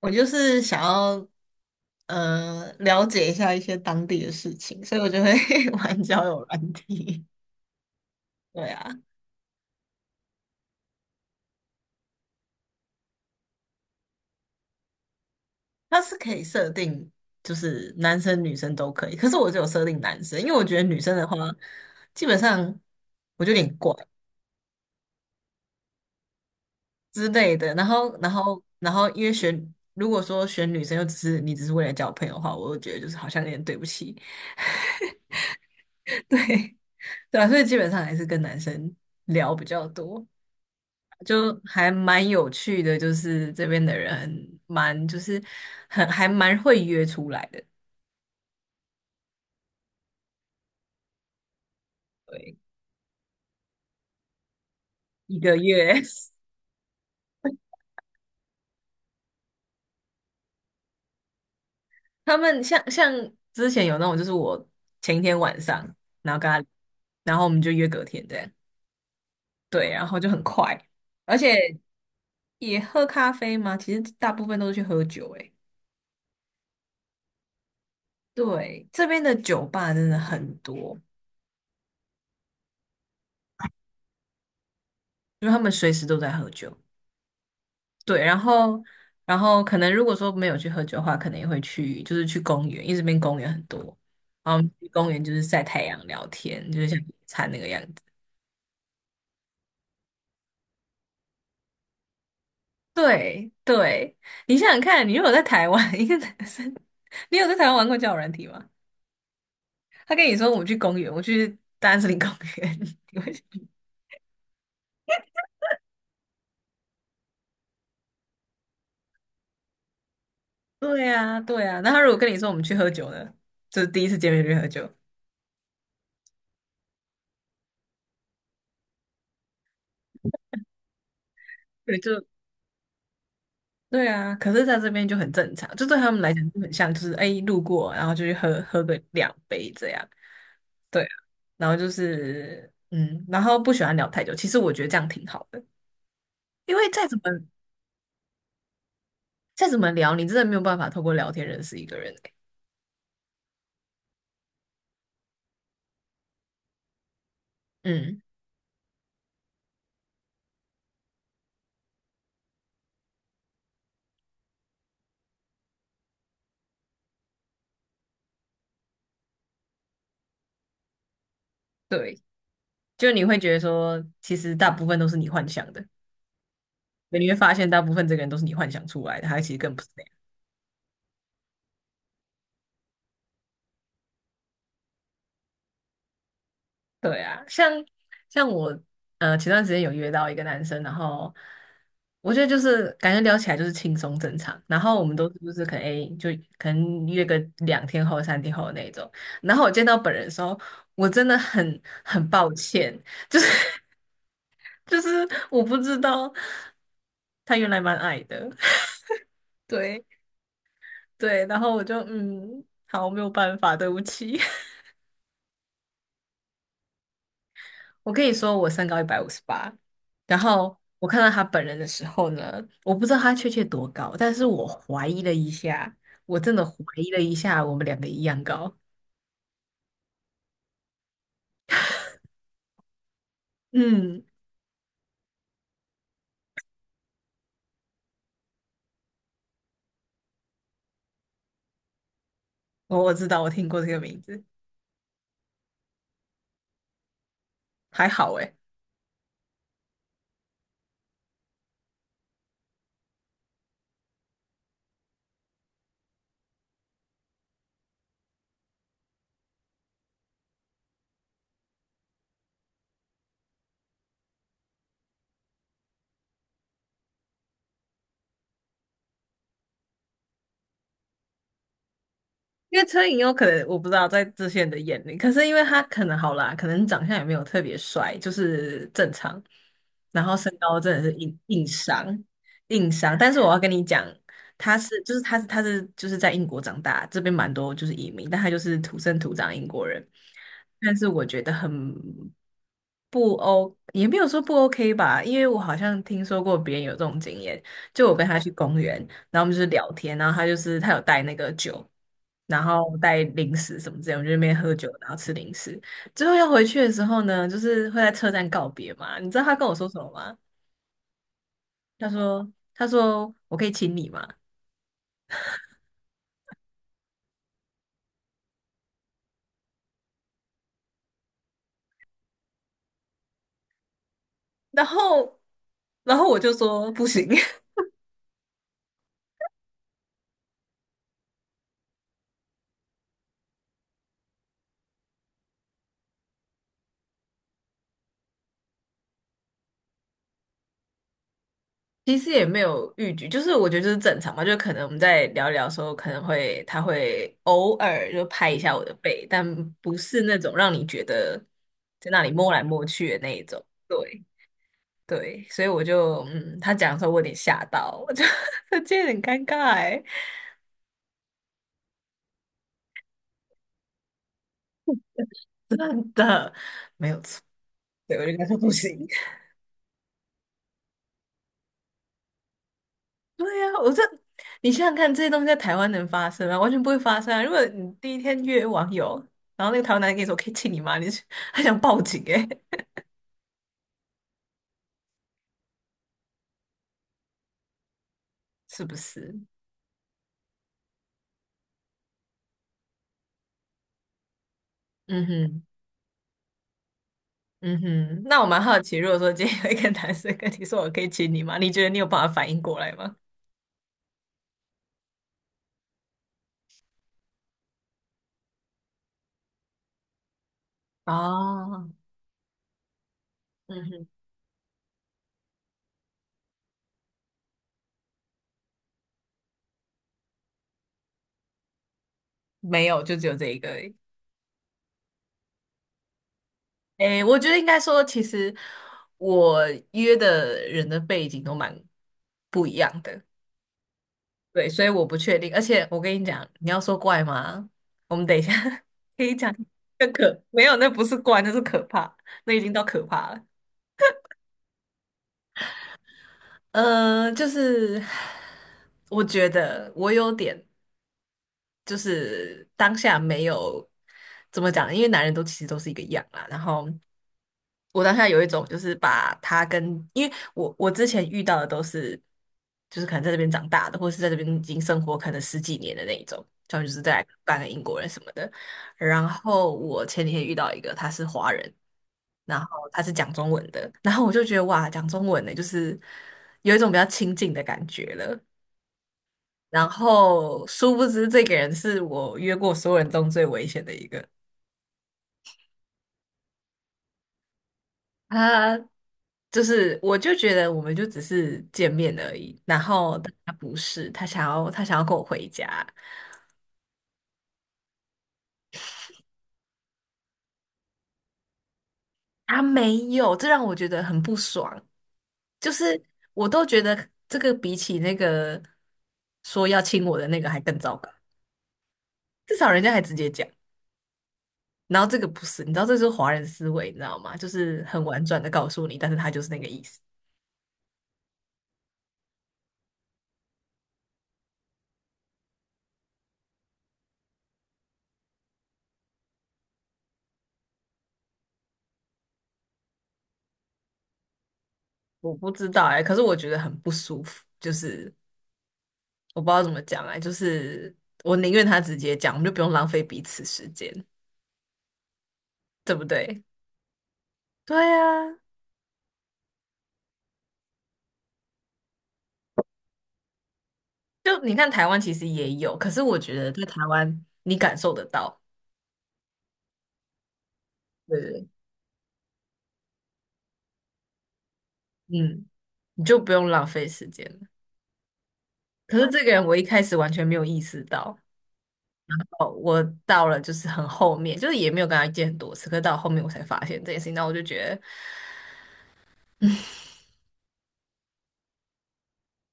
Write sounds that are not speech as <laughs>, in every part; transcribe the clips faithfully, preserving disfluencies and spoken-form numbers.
我就是想要呃了解一下一些当地的事情，所以我就会 <laughs> 玩交友软体。对啊，它是可以设定，就是男生女生都可以，可是我只有设定男生，因为我觉得女生的话，基本上我就有点怪之类的。然后，然后，然后，因为选如果说选女生又只是你只是为了交朋友的话，我就觉得就是好像有点对不起，<laughs> 对对啊，所以基本上还是跟男生聊比较多。就还蛮有趣的，就是这边的人蛮就是很还蛮会约出来的，对，一个月，<laughs> 他们像像之前有那种，就是我前一天晚上，然后跟他，然后我们就约隔天这样，对，然后就很快，而且也喝咖啡吗？其实大部分都是去喝酒，欸诶，对，这边的酒吧真的很多，因为他们随时都在喝酒。对，然后然后可能如果说没有去喝酒的话，可能也会去就是去公园，因为这边公园很多，然后我们去公园就是晒太阳、聊天，就是像野餐那个样子。对对，你想想看，你如果在台湾，一个男生，你有在台湾玩过交友软体吗？他跟你说我们去公园，我去大安森林公园，<laughs> 你会想？对啊，对啊。那他如果跟你说我们去喝酒呢，就是第一次见面就去喝酒，对，就对啊，可是在这边就很正常，就对他们来讲就很像，就是哎路过，然后就去喝喝个两杯这样，对啊，然后就是嗯，然后不喜欢聊太久，其实我觉得这样挺好的，因为再怎么再怎么聊，你真的没有办法透过聊天认识一个人欸。嗯，对，就你会觉得说，其实大部分都是你幻想的，你会发现大部分这个人都是你幻想出来的，他其实更不是那样。对啊，像像我呃前段时间有约到一个男生，然后我觉得就是感觉聊起来就是轻松正常，然后我们都是就是可能诶就可能约个两天后三天后的那种，然后我见到本人的时候，我真的很很抱歉，就是就是我不知道他原来蛮矮的，<laughs> 对对，然后我就嗯好没有办法，对不起。我跟你说，我身高一百五十八，然后我看到他本人的时候呢，我不知道他确切多高，但是我怀疑了一下，我真的怀疑了一下，我们两个一样高。嗯，我我知道，我听过这个名字，还好诶。因为车银优可能我不知道在这些人的眼里，可是因为他可能好啦，可能长相也没有特别帅，就是正常，然后身高真的是硬硬伤硬伤。但是我要跟你讲，他是就是他是他是就是在英国长大，这边蛮多就是移民，但他就是土生土长英国人。但是我觉得很不 O，也没有说不 OK 吧，因为我好像听说过别人有这种经验，就我跟他去公园，然后我们就是聊天，然后他就是他有带那个酒，然后带零食什么之类，我们就在那边喝酒，然后吃零食，最后要回去的时候呢，就是会在车站告别嘛，你知道他跟我说什么吗？他说他说我可以亲你吗？然后然后我就说不行，其实也没有预局，就是我觉得就是正常嘛，就可能我们在聊一聊的时候，可能会他会偶尔就拍一下我的背，但不是那种让你觉得在那里摸来摸去的那一种。对对，所以我就嗯，他讲的时候我有点吓到，我就 <laughs> 这有点尴尬哎，<laughs> 真的没有错，对，我就跟他说不行。对呀。我这你想想看，这些东西在台湾能发生吗？完全不会发生啊！如果你第一天约网友，然后那个台湾男人跟你说"可以亲你吗"，你是还想报警诶。是不是？嗯哼，嗯哼。那我蛮好奇，如果说今天有一个男生跟你说"我可以亲你吗"，你觉得你有办法反应过来吗？哦，嗯哼，没有，就只有这一个而已诶，我觉得应该说，其实我约的人的背景都蛮不一样的。对，所以我不确定。而且我跟你讲，你要说怪吗？我们等一下 <laughs> 可以讲更可，没有，那不是怪，那是可怕，那已经到可怕了。呃，就是我觉得我有点就是当下没有怎么讲，因为男人都其实都是一个样啦，然后。我当下有一种就是把他跟，因为我我之前遇到的都是，就是可能在这边长大的，或是在这边已经生活可能十几年的那一种，他们就是在半个英国人什么的。然后我前几天遇到一个，他是华人，然后他是讲中文的，然后我就觉得哇，讲中文的就是有一种比较亲近的感觉了。然后殊不知这个人是我约过所有人中最危险的一个。他就是，我就觉得我们就只是见面而已，然后但他不是，他想要他想要跟我回家，啊？没有，这让我觉得很不爽。就是我都觉得这个比起那个说要亲我的那个还更糟糕，至少人家还直接讲。然后这个不是，你知道这就是华人思维，你知道吗？就是很婉转的告诉你，但是他就是那个意思。我不知道哎。可是我觉得很不舒服，就是。我不知道怎么讲哎，就是我宁愿他直接讲，我们就不用浪费彼此时间，对不对？对啊，就你看台湾其实也有，可是我觉得在台湾你感受得到，对对对，嗯，你就不用浪费时间了。可是这个人我一开始完全没有意识到，哦，我到了就是很后面，就是也没有跟他见很多次，可是到后面我才发现这件事情，那我就觉得。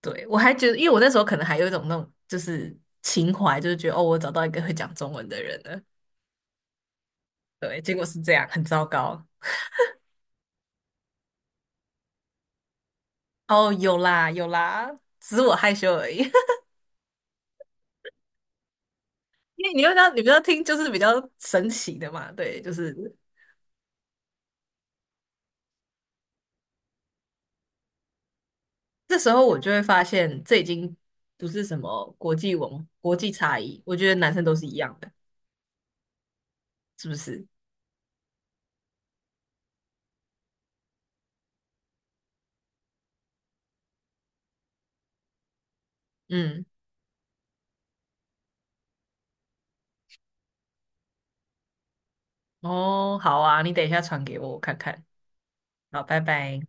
对，我还觉得，因为我那时候可能还有一种那种就是情怀，就是觉得哦，我找到一个会讲中文的人了，对，结果是这样，很糟糕。哦，有啦有啦，只是我害羞而已。<laughs> 因为你又要你不要听，就是比较神奇的嘛。对，就是这时候我就会发现，这已经不是什么国际文国际差异，我觉得男生都是一样的，是不是？嗯，哦，好啊，你等一下传给我，我看看。好，拜拜。